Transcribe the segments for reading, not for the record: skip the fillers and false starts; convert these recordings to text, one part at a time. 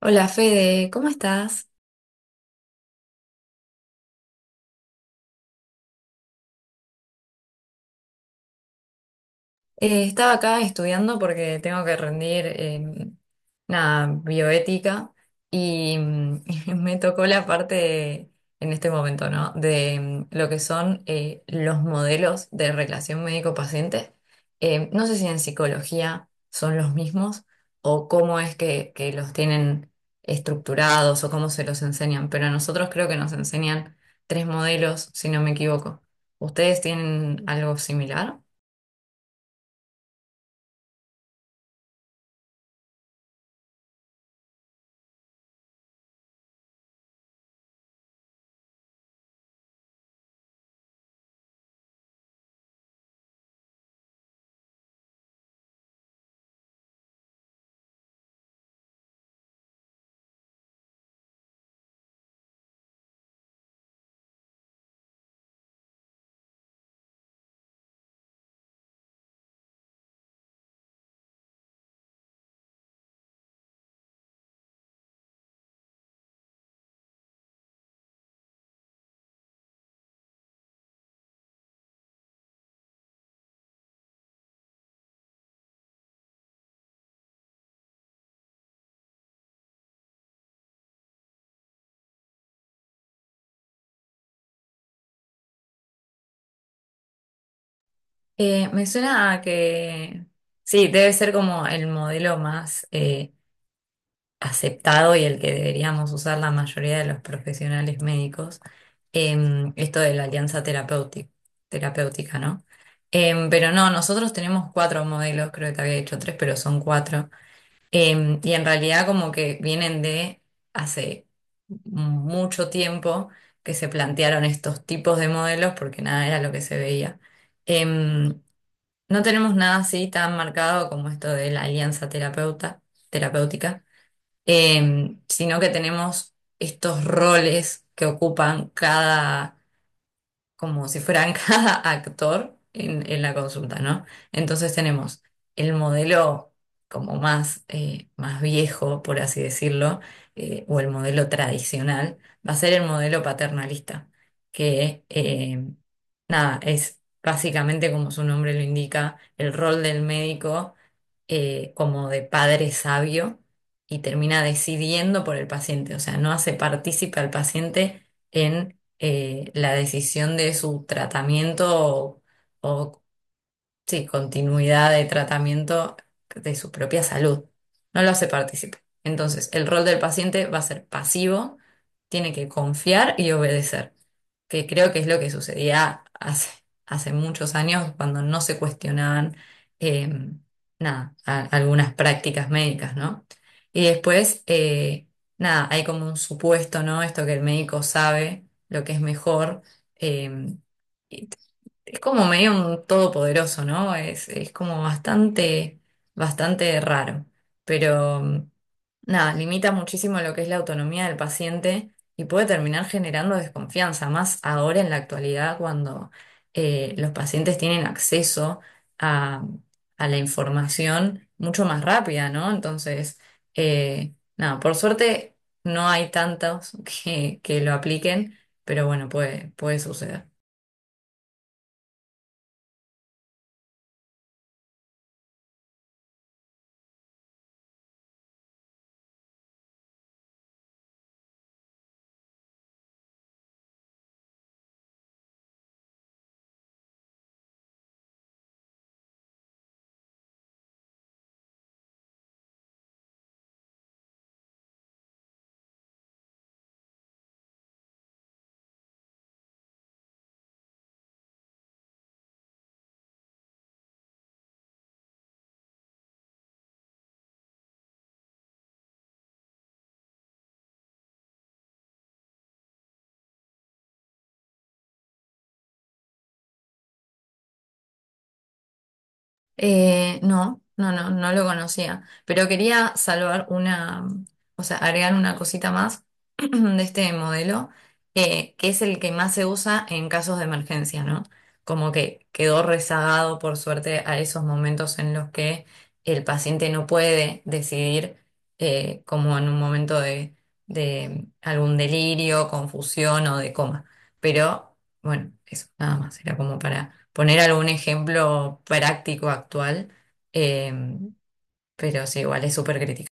Hola Fede, ¿cómo estás? Estaba acá estudiando porque tengo que rendir nada, bioética. Y me tocó la parte de- en este momento, ¿no? De lo que son, los modelos de relación médico-paciente. No sé si en psicología son los mismos o cómo es que los tienen estructurados o cómo se los enseñan, pero a nosotros creo que nos enseñan tres modelos, si no me equivoco. ¿Ustedes tienen algo similar? Me suena a que sí, debe ser como el modelo más aceptado y el que deberíamos usar la mayoría de los profesionales médicos, esto de la alianza terapéutica, terapéutica, ¿no? Pero no, nosotros tenemos cuatro modelos, creo que te había dicho tres, pero son cuatro. Y en realidad como que vienen de hace mucho tiempo que se plantearon estos tipos de modelos porque nada era lo que se veía. Em, no tenemos nada así tan marcado como esto de la alianza terapeuta, terapéutica, sino que tenemos estos roles que ocupan cada, como si fueran cada actor en la consulta, ¿no? Entonces tenemos el modelo como más, más viejo, por así decirlo, o el modelo tradicional, va a ser el modelo paternalista, que nada, es básicamente como su nombre lo indica, el rol del médico, como de padre sabio, y termina decidiendo por el paciente. O sea, no hace partícipe al paciente en, la decisión de su tratamiento o, sí, continuidad de tratamiento de su propia salud. No lo hace partícipe. Entonces, el rol del paciente va a ser pasivo, tiene que confiar y obedecer, que creo que es lo que sucedía hace muchos años cuando no se cuestionaban, eh, nada, algunas prácticas médicas, ¿no? Y después, nada, hay como un supuesto, ¿no? Esto que el médico sabe lo que es mejor. eh, es como medio un todopoderoso, ¿no? Es como bastante, bastante raro. Pero nada, limita muchísimo lo que es la autonomía del paciente y puede terminar generando desconfianza, más ahora en la actualidad cuando, los pacientes tienen acceso a, a la información mucho más rápida, ¿no? Entonces, nada, por suerte no hay tantos que lo apliquen, pero bueno, puede, puede suceder. No, no, no, no lo conocía, pero quería salvar una, o sea, agregar una cosita más de este modelo, que es el que más se usa en casos de emergencia, ¿no? Como que quedó rezagado, por suerte, a esos momentos en los que el paciente no puede decidir, como en un momento de algún delirio, confusión o de coma. Pero bueno, eso, nada más. Era como para poner algún ejemplo práctico actual, eh, pero sí, igual es súper crítica.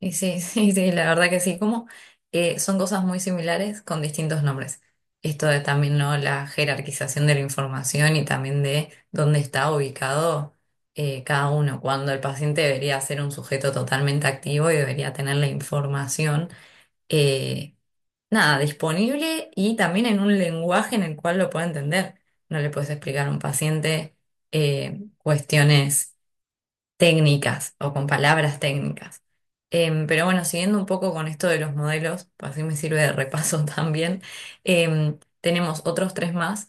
Y sí, sí, sí, la verdad que sí, como, son cosas muy similares con distintos nombres. Esto de también, ¿no? La jerarquización de la información y también de dónde está ubicado, cada uno, cuando el paciente debería ser un sujeto totalmente activo y debería tener la información. eh, Nada, disponible y también en un lenguaje en el cual lo pueda entender. No le puedes explicar a un paciente, cuestiones técnicas o con palabras técnicas. Pero bueno, siguiendo un poco con esto de los modelos, pues así me sirve de repaso también, tenemos otros tres más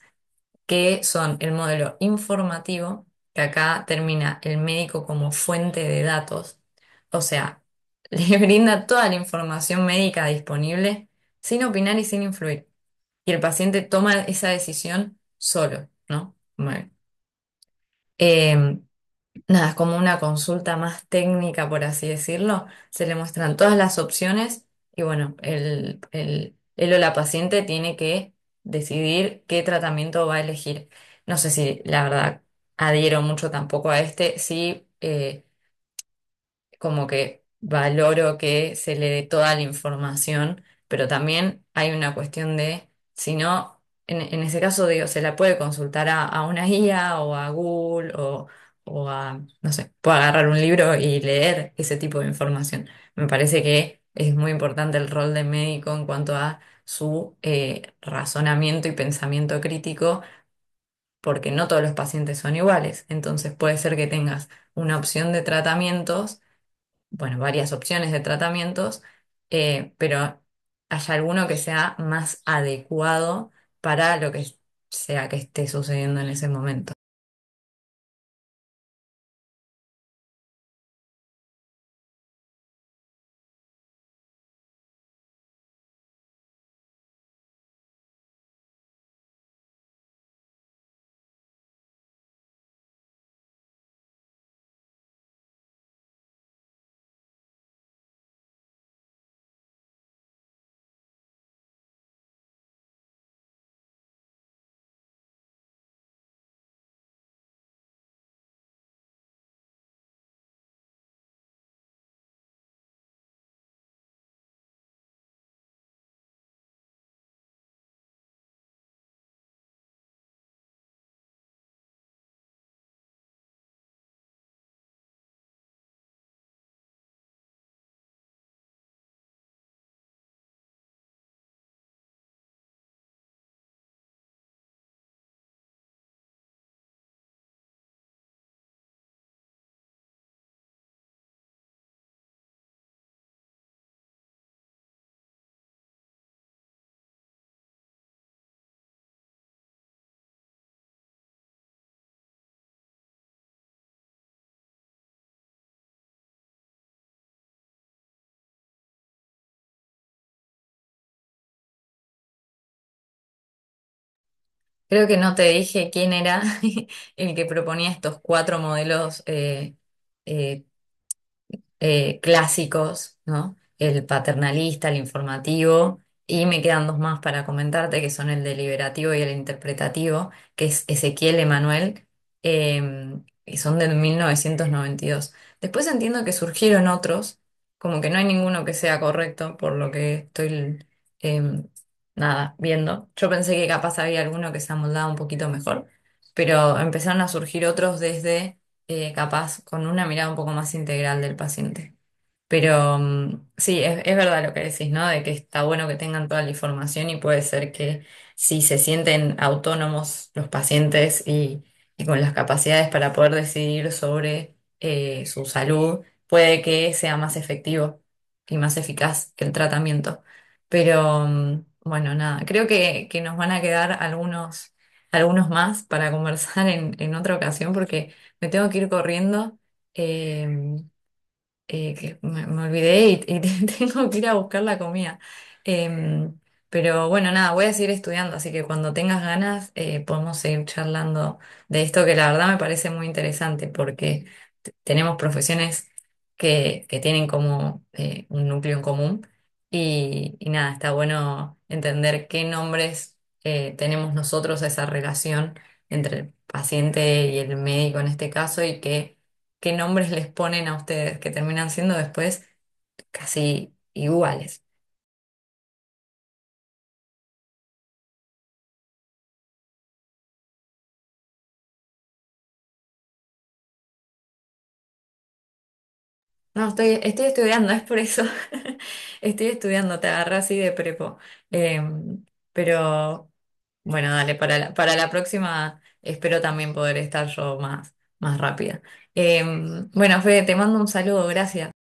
que son el modelo informativo, que acá termina el médico como fuente de datos, o sea, le brinda toda la información médica disponible sin opinar y sin influir. Y el paciente toma esa decisión solo, ¿no? Bueno, em, nada, es como una consulta más técnica, por así decirlo. Se le muestran todas las opciones y bueno, él o la paciente tiene que decidir qué tratamiento va a elegir. No sé si la verdad adhiero mucho tampoco a este. Sí, como que valoro que se le dé toda la información, pero también hay una cuestión de, si no, en ese caso digo, se la puede consultar a una guía o a Google o a, no sé, puede agarrar un libro y leer ese tipo de información. Me parece que es muy importante el rol del médico en cuanto a su razonamiento y pensamiento crítico. Porque no todos los pacientes son iguales, entonces puede ser que tengas una opción de tratamientos, bueno, varias opciones de tratamientos, pero haya alguno que sea más adecuado para lo que sea que esté sucediendo en ese momento. Creo que no te dije quién era el que proponía estos cuatro modelos eh, clásicos, ¿no? El paternalista, el informativo, y me quedan dos más para comentarte, que son el deliberativo y el interpretativo, que es Ezequiel Emanuel, eh, y son de 1992. Después entiendo que surgieron otros, como que no hay ninguno que sea correcto, por lo que estoy, eh, nada, viendo. Yo pensé que capaz había alguno que se amoldaba un poquito mejor, pero empezaron a surgir otros desde, capaz con una mirada un poco más integral del paciente. Pero sí, es verdad lo que decís, ¿no? De que está bueno que tengan toda la información y puede ser que si se sienten autónomos los pacientes y con las capacidades para poder decidir sobre su salud, puede que sea más efectivo y más eficaz el tratamiento. Pero bueno, nada, creo que nos van a quedar algunos, algunos más para conversar en otra ocasión porque... Me tengo que ir corriendo. eh, que me olvidé y tengo que ir a buscar la comida. Em, pero bueno, nada, voy a seguir estudiando, así que cuando tengas ganas, podemos seguir charlando de esto que la verdad me parece muy interesante porque tenemos profesiones que tienen como un núcleo en común y nada, está bueno entender qué nombres tenemos nosotros a esa relación entre el paciente y el médico en este caso y que qué nombres les ponen a ustedes, que terminan siendo después casi iguales. No, estoy, estoy estudiando, es por eso. Estoy estudiando, te agarré así de prepo. Em, pero bueno, dale, para la próxima espero también poder estar yo más, más rápida. Bueno, Fede, te mando un saludo, gracias.